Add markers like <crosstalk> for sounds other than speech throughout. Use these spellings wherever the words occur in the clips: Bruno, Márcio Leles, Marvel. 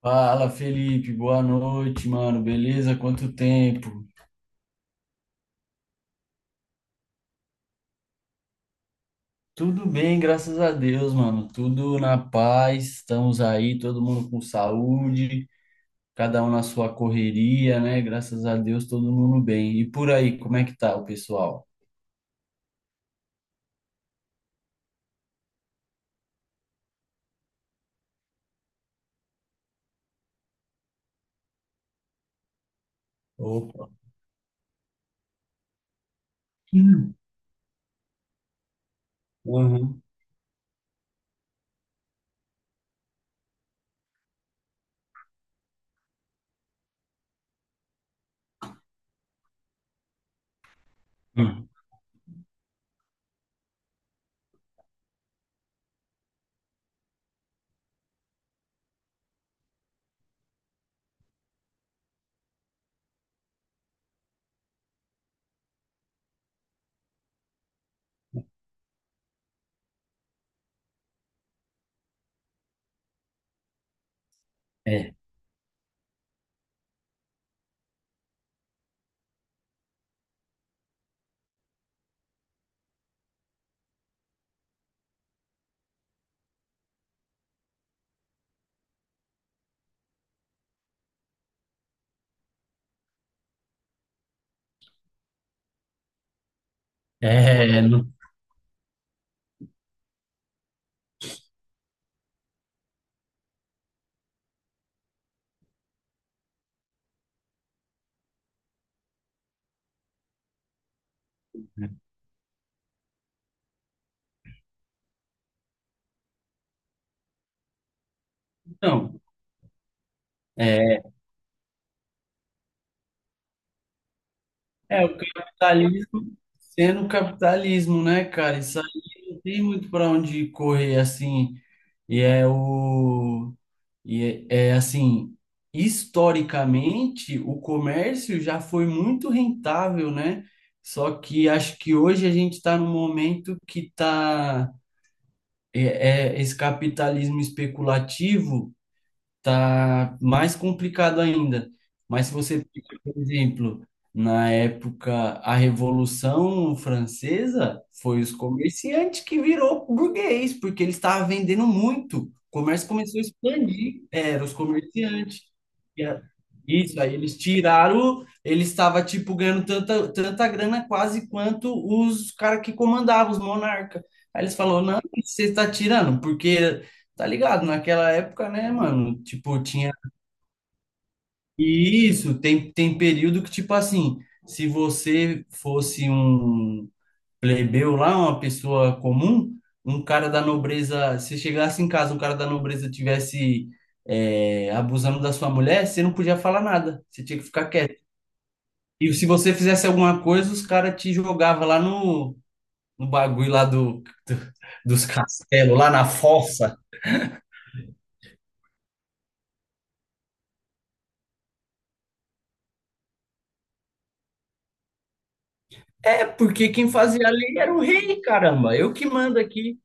Fala, Felipe, boa noite, mano. Beleza? Quanto tempo? Tudo bem, graças a Deus, mano. Tudo na paz. Estamos aí, todo mundo com saúde, cada um na sua correria, né? Graças a Deus, todo mundo bem. E por aí, como é que tá o pessoal? Opa. Hum. Uhum. Hum. É, é, não. Então, é, É, o capitalismo sendo capitalismo, né, cara? Isso aí não tem muito para onde correr, assim. E é o. E é, assim, historicamente, o comércio já foi muito rentável, né? Só que acho que hoje a gente está num momento que tá. É, esse capitalismo especulativo tá mais complicado ainda. Mas se você pega, por exemplo, na época a Revolução Francesa, foi os comerciantes que virou burguês, porque eles estavam vendendo muito. O comércio começou a expandir, era os comerciantes. E a- Isso, aí eles tiraram, eles estavam tipo ganhando tanta, tanta grana quase quanto os caras que comandavam, os monarcas. Aí eles falaram, não, o você está tirando, porque. Tá ligado? Naquela época, né, mano? Tipo, tinha isso. Tem período que, tipo assim, se você fosse um plebeu lá, uma pessoa comum, um cara da nobreza, se chegasse em casa, um cara da nobreza tivesse abusando da sua mulher, você não podia falar nada. Você tinha que ficar quieto. E se você fizesse alguma coisa, os caras te jogavam lá no bagulho lá do- dos castelos, lá na fossa. É, porque quem fazia a lei era o rei, caramba. Eu que mando aqui.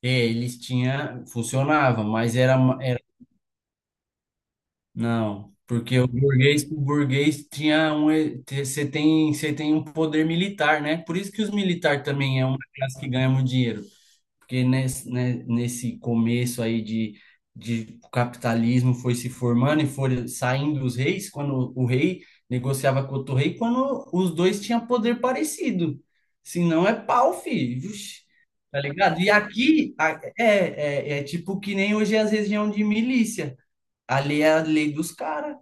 É, eles tinham, funcionava, mas era, era não, porque o burguês tinha um, você tem um poder militar, né? Por isso que os militares também é uma classe que ganha muito dinheiro. Porque nesse, né, nesse começo aí de, o capitalismo foi se formando e foram saindo os reis, quando o rei negociava com outro rei, quando os dois tinham poder parecido. Se não é pau, filho. Vixe! Tá ligado? E aqui é, é, tipo que nem hoje as regiões de milícia. Ali é a lei dos caras.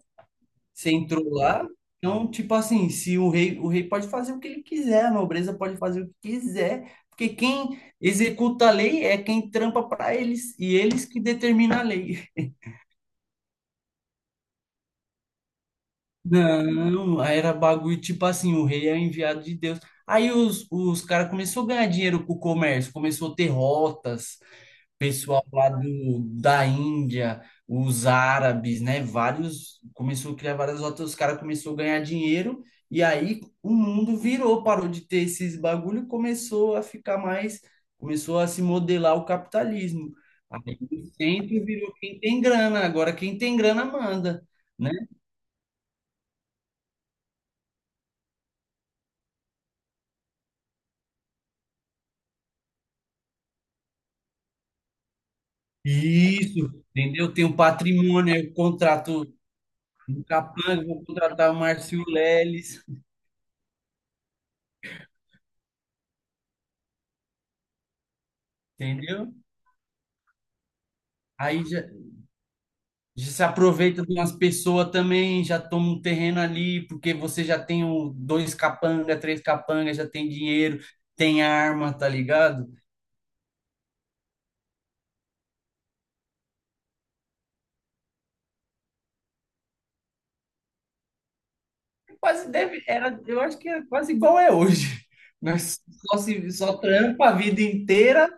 Você entrou lá, então, tipo assim, se o rei, o rei pode fazer o que ele quiser, a nobreza pode fazer o que quiser, porque quem executa a lei é quem trampa para eles, e eles que determinam a lei. Não, <laughs> aí era bagulho, tipo assim, o rei é o enviado de Deus. Aí os caras começaram a ganhar dinheiro com o comércio, começou a ter rotas, pessoal lá da Índia, os árabes, né? Vários começou a criar várias rotas, os caras começou a ganhar dinheiro e aí o mundo virou, parou de ter esses bagulho, e começou a ficar mais, começou a se modelar o capitalismo. Aí o centro virou quem tem grana, agora quem tem grana manda, né? Isso, entendeu? Tem o patrimônio, aí eu contrato um capanga, vou contratar o Márcio Leles, entendeu? Aí já, Já se aproveita de umas pessoas também, já toma um terreno ali, porque você já tem um, dois capanga, três capanga, já tem dinheiro, tem arma, tá ligado? Quase deve, era, eu acho que era quase igual é hoje. <laughs> Nós só se só trampa a vida inteira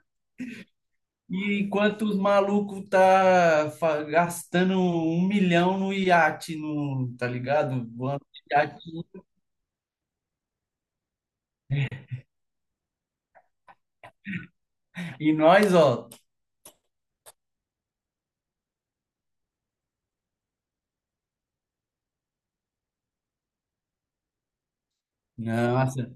e enquanto os malucos tá gastando 1 milhão no iate, no, tá ligado? Voando de iate. E nós, ó, nossa,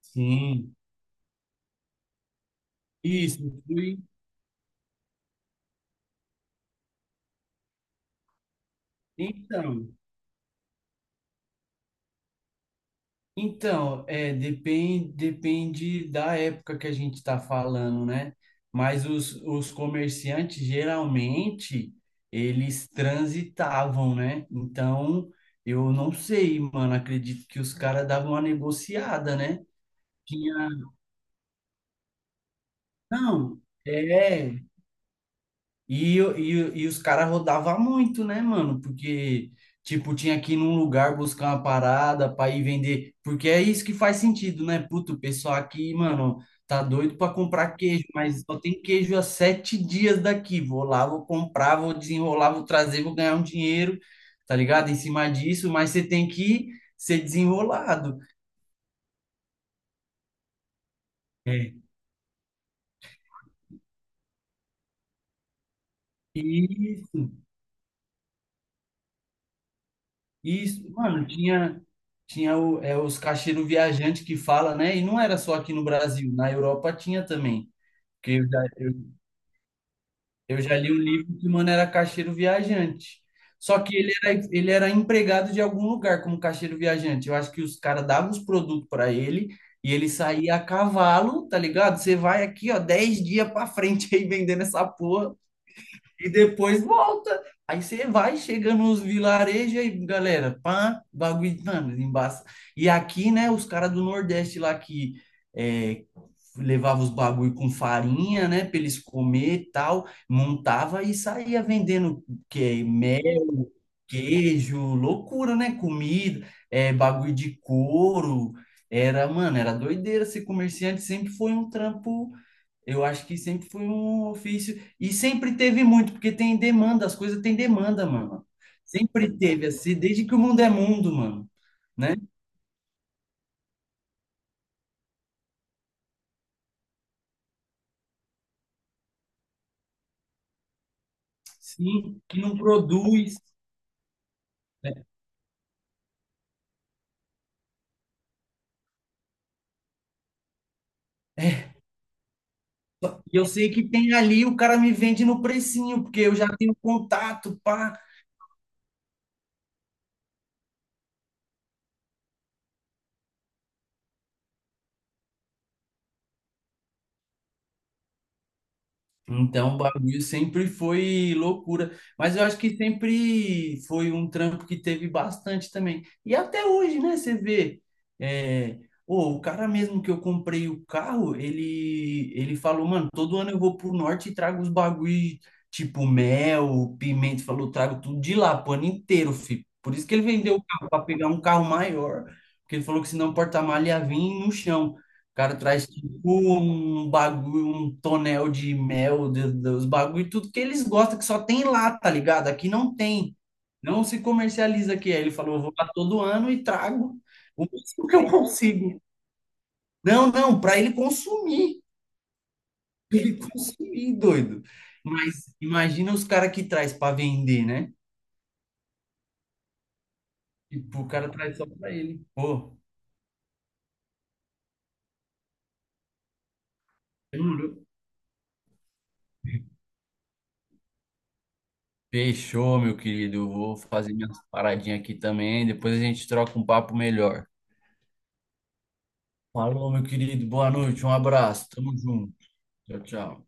sim, isso, fui, então. Então, é, depende da época que a gente está falando, né? Mas os comerciantes, geralmente, eles transitavam, né? Então, eu não sei, mano, acredito que os caras davam uma negociada, né? Tinha... Não, é, E os caras rodavam muito, né, mano? Porque, tipo, tinha que ir num lugar buscar uma parada pra ir vender. Porque é isso que faz sentido, né? Puto, o pessoal aqui, mano, tá doido pra comprar queijo, mas só tem queijo há 7 dias daqui. Vou lá, vou comprar, vou desenrolar, vou trazer, vou ganhar um dinheiro, tá ligado? Em cima disso, mas você tem que ser desenrolado. É. Isso. E, isso, mano, tinha, tinha o, os caixeiros viajantes que fala, né? E não era só aqui no Brasil, na Europa tinha também. Porque eu já li um livro que, mano, era caixeiro viajante. Só que ele era empregado de algum lugar como caixeiro viajante. Eu acho que os caras davam os produtos para ele e ele saía a cavalo, tá ligado? Você vai aqui, ó, 10 dias para frente aí <laughs> vendendo essa porra. E depois volta. Aí você vai, chega nos vilarejos aí, galera, pá, bagulho, mano, embaça. E aqui, né, os caras do Nordeste lá que é, levava os bagulho com farinha, né, pra eles comer e tal, montava e saía vendendo que mel, queijo, loucura, né, comida, bagulho de couro. Era, mano, era doideira. Ser comerciante sempre foi um trampo, eu acho que sempre foi um ofício e sempre teve muito, porque tem demanda, as coisas têm demanda, mano. Sempre teve assim, desde que o mundo é mundo, mano, né? Sim, que não produz. E eu sei que tem ali, o cara me vende no precinho, porque eu já tenho contato, pá. Então, o bagulho sempre foi loucura, mas eu acho que sempre foi um trampo que teve bastante também. E até hoje, né, você vê, é, ô, o cara mesmo que eu comprei o carro, ele falou, mano, todo ano eu vou pro norte e trago os bagulho, tipo mel, pimenta, falou, trago tudo de lá, pro ano inteiro, filho. Por isso que ele vendeu o carro, para pegar um carro maior, porque ele falou que senão o porta-malha ia vir no chão. O cara traz tipo um bagulho, um tonel de mel, os bagulho, tudo que eles gostam, que só tem lá, tá ligado? Aqui não tem. Não se comercializa aqui. Aí ele falou, eu vou lá todo ano e trago o máximo que eu consigo. Não, não, para ele consumir. <laughs> Pra ele consumir, doido. Mas imagina os caras que traz para vender, né? Tipo, o cara traz só para ele. Pô, demorou. Fechou, meu querido. Eu vou fazer minhas paradinhas aqui também. Depois a gente troca um papo melhor. Alô, meu querido, boa noite, um abraço, tamo junto. Tchau, tchau.